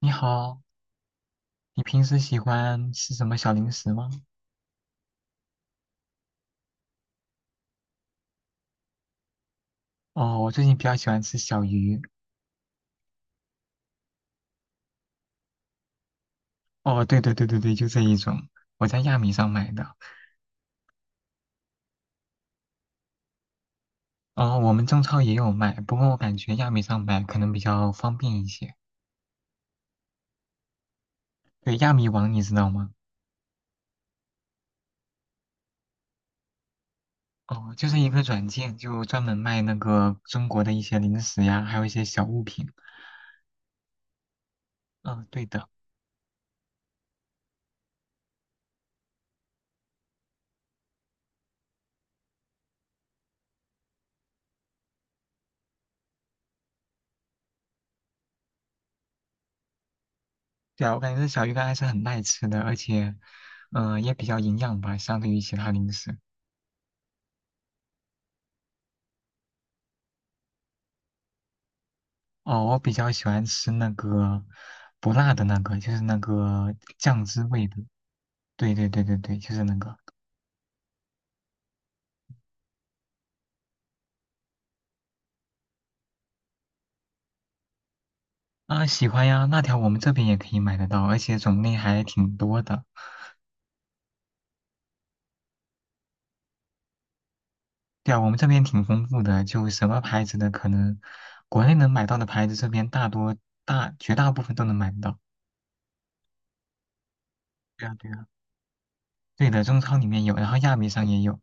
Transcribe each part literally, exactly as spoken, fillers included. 你好，你平时喜欢吃什么小零食吗？哦，我最近比较喜欢吃小鱼。哦，对对对对对，就这一种，我在亚米上买的。哦，我们中超也有卖，不过我感觉亚米上买可能比较方便一些。对，亚米网你知道吗？哦，就是一个软件，就专门卖那个中国的一些零食呀，还有一些小物品。嗯，对的。对啊，我感觉这小鱼干还是很耐吃的，而且，嗯、也比较营养吧，相对于其他零食。哦，我比较喜欢吃那个不辣的那个，就是那个酱汁味的。对对对对对，就是那个。啊，喜欢呀，辣条我们这边也可以买得到，而且种类还挺多的。对啊，我们这边挺丰富的，就什么牌子的可能国内能买到的牌子，这边大多大绝大部分都能买得到。对啊对啊，对的，中超里面有，然后亚米上也有。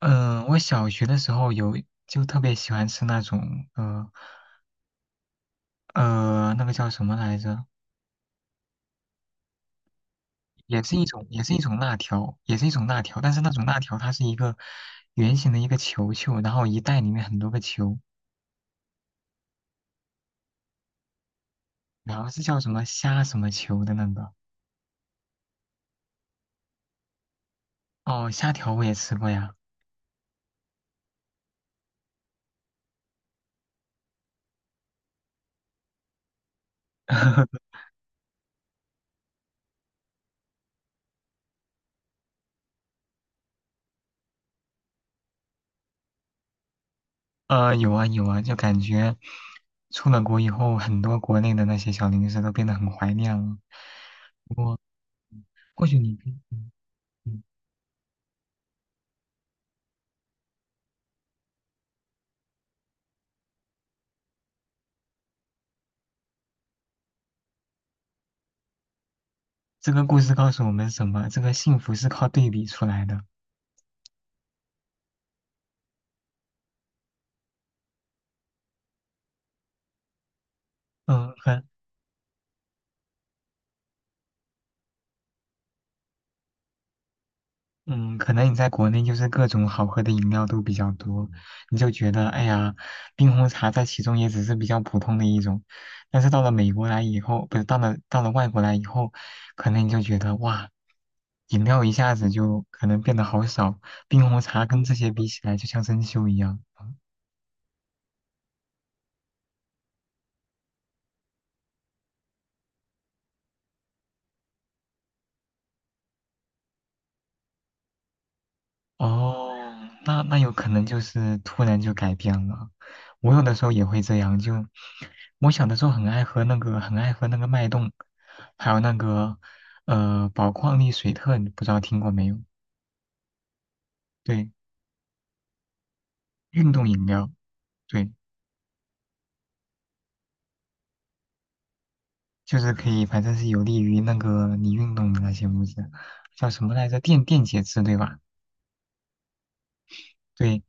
嗯、我小学的时候有，就特别喜欢吃那种呃呃那个叫什么来着？也是一种，也是一种辣条，也是一种辣条，但是那种辣条它是一个圆形的一个球球，然后一袋里面很多个球，然后是叫什么虾什么球的那个。哦，虾条我也吃过呀。呃，有啊有啊，就感觉出了国以后，很多国内的那些小零食都变得很怀念了。不过，或许你可以嗯嗯，这个故事告诉我们什么？这个幸福是靠对比出来的。嗯，很嗯，可能你在国内就是各种好喝的饮料都比较多，你就觉得哎呀，冰红茶在其中也只是比较普通的一种，但是到了美国来以后，不是到了到了外国来以后，可能你就觉得哇，饮料一下子就可能变得好少，冰红茶跟这些比起来就像珍馐一样。哦，那那有可能就是突然就改变了。我有的时候也会这样，就我小的时候很爱喝那个，很爱喝那个脉动，还有那个呃宝矿力水特，你不知道听过没有？对，运动饮料，对，就是可以，反正是有利于那个你运动的那些物质，叫什么来着？电电解质，对吧？对，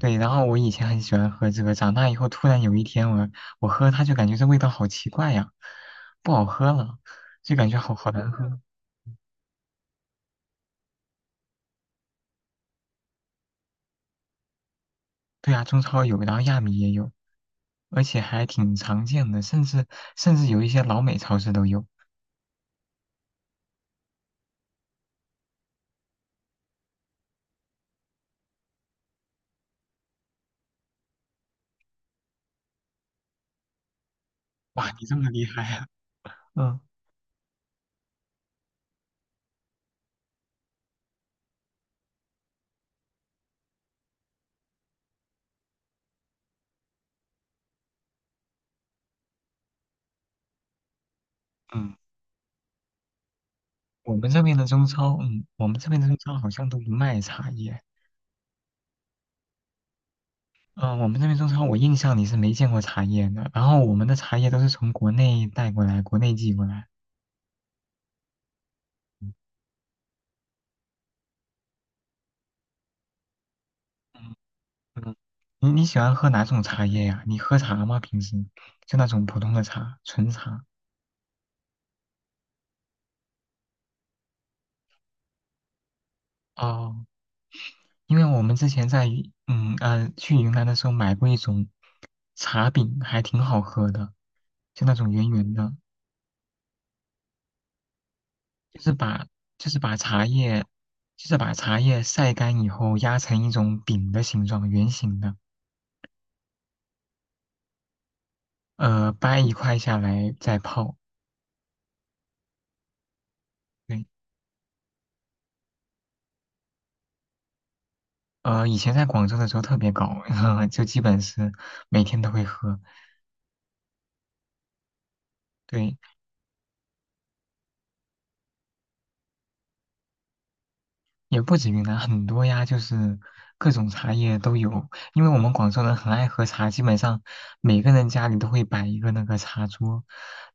对，然后我以前很喜欢喝这个，长大以后突然有一天我我喝它就感觉这味道好奇怪呀，不好喝了，就感觉好好难喝。对啊，中超有，然后亚米也有，而且还挺常见的，甚至甚至有一些老美超市都有。哇，你这么厉害啊 嗯嗯，我们这边的中超，嗯，我们这边的中超好像都不卖茶叶。嗯，我们这边中超我印象里是没见过茶叶的，然后我们的茶叶都是从国内带过来，国内寄过来。嗯嗯，你你喜欢喝哪种茶叶呀？你喝茶吗？平时就那种普通的茶，纯茶。哦，因为我们之前在云嗯呃去云南的时候买过一种茶饼，还挺好喝的，就那种圆圆的，就是把就是把茶叶就是把茶叶晒干以后压成一种饼的形状，圆形的，呃，掰一块下来再泡。对，呃，以前在广州的时候特别搞，就基本是每天都会喝。对，也不止云南，很多呀，就是各种茶叶都有。因为我们广州人很爱喝茶，基本上每个人家里都会摆一个那个茶桌，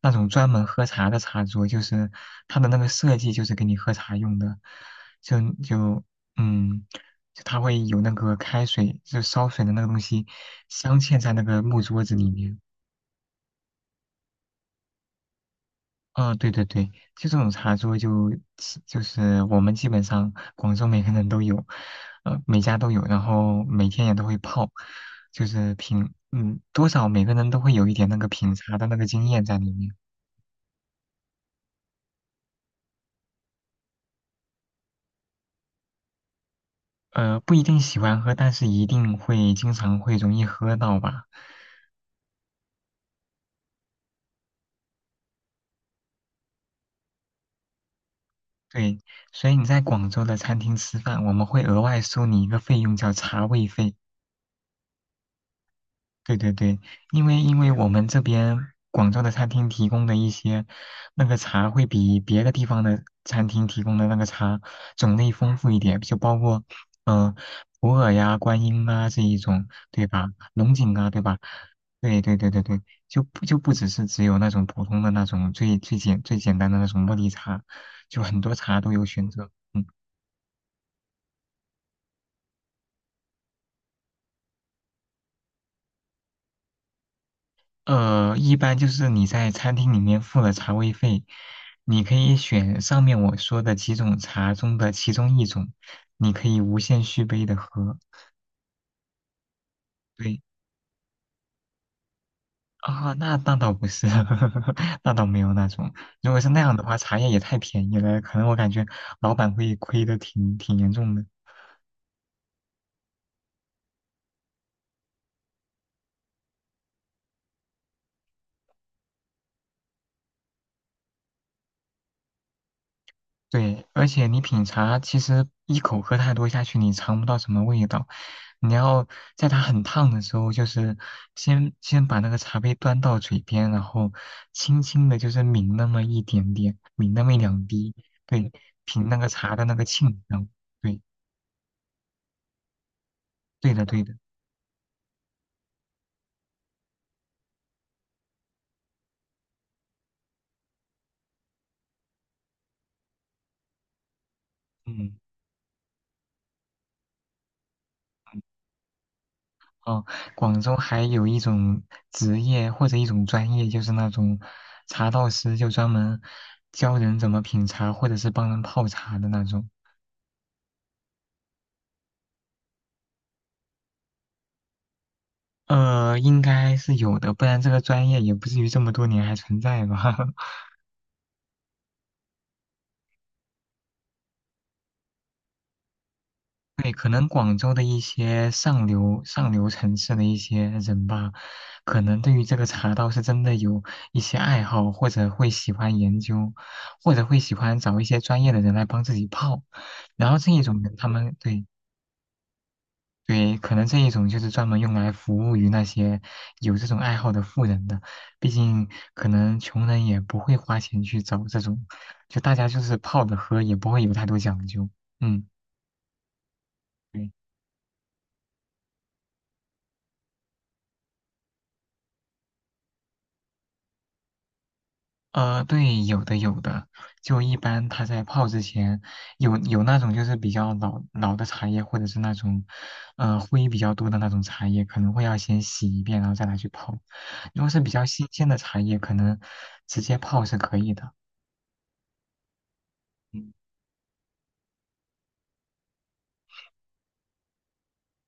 那种专门喝茶的茶桌，就是它的那个设计就是给你喝茶用的，就就嗯，就它会有那个开水，就烧水的那个东西镶嵌在那个木桌子里面。啊、对对对，就这种茶桌就就是我们基本上广州每个人都有，呃，每家都有，然后每天也都会泡，就是品，嗯，多少每个人都会有一点那个品茶的那个经验在里面，呃，不一定喜欢喝，但是一定会经常会容易喝到吧。对，所以你在广州的餐厅吃饭，我们会额外收你一个费用，叫茶位费。对对对，因为因为我们这边广州的餐厅提供的一些那个茶，会比别的地方的餐厅提供的那个茶种类丰富一点，就包括嗯、呃普洱呀、观音啊这一种，对吧？龙井啊，对吧？对对对对对，就不就不只是只有那种普通的那种最最简最简单的那种茉莉茶，就很多茶都有选择。嗯呃，一般就是你在餐厅里面付了茶位费，你可以选上面我说的几种茶中的其中一种，你可以无限续杯的喝。对啊，那那倒不是，那倒没有那种。如果是那样的话，茶叶也太便宜了，可能我感觉老板会亏的挺挺严重的。对，而且你品茶，其实一口喝太多下去，你尝不到什么味道。你要在它很烫的时候，就是先先把那个茶杯端到嘴边，然后轻轻的，就是抿那么一点点，抿那么一两滴，对，品那个茶的那个沁香。对，对的，对的，嗯，哦，广州还有一种职业或者一种专业，就是那种茶道师，就专门教人怎么品茶，或者是帮人泡茶的那种。呃，应该是有的，不然这个专业也不至于这么多年还存在吧？对，可能广州的一些上流上流城市的一些人吧，可能对于这个茶道是真的有一些爱好，或者会喜欢研究，或者会喜欢找一些专业的人来帮自己泡。然后这一种人，他们对对，可能这一种就是专门用来服务于那些有这种爱好的富人的，毕竟可能穷人也不会花钱去找这种，就大家就是泡着喝，也不会有太多讲究。嗯，对，呃，对，有的有的，就一般他在泡之前，有有那种就是比较老老的茶叶，或者是那种，呃，灰比较多的那种茶叶，可能会要先洗一遍，然后再拿去泡。如果是比较新鲜的茶叶，可能直接泡是可以的。嗯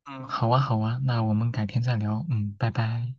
嗯，好啊，好啊，那我们改天再聊。嗯，拜拜。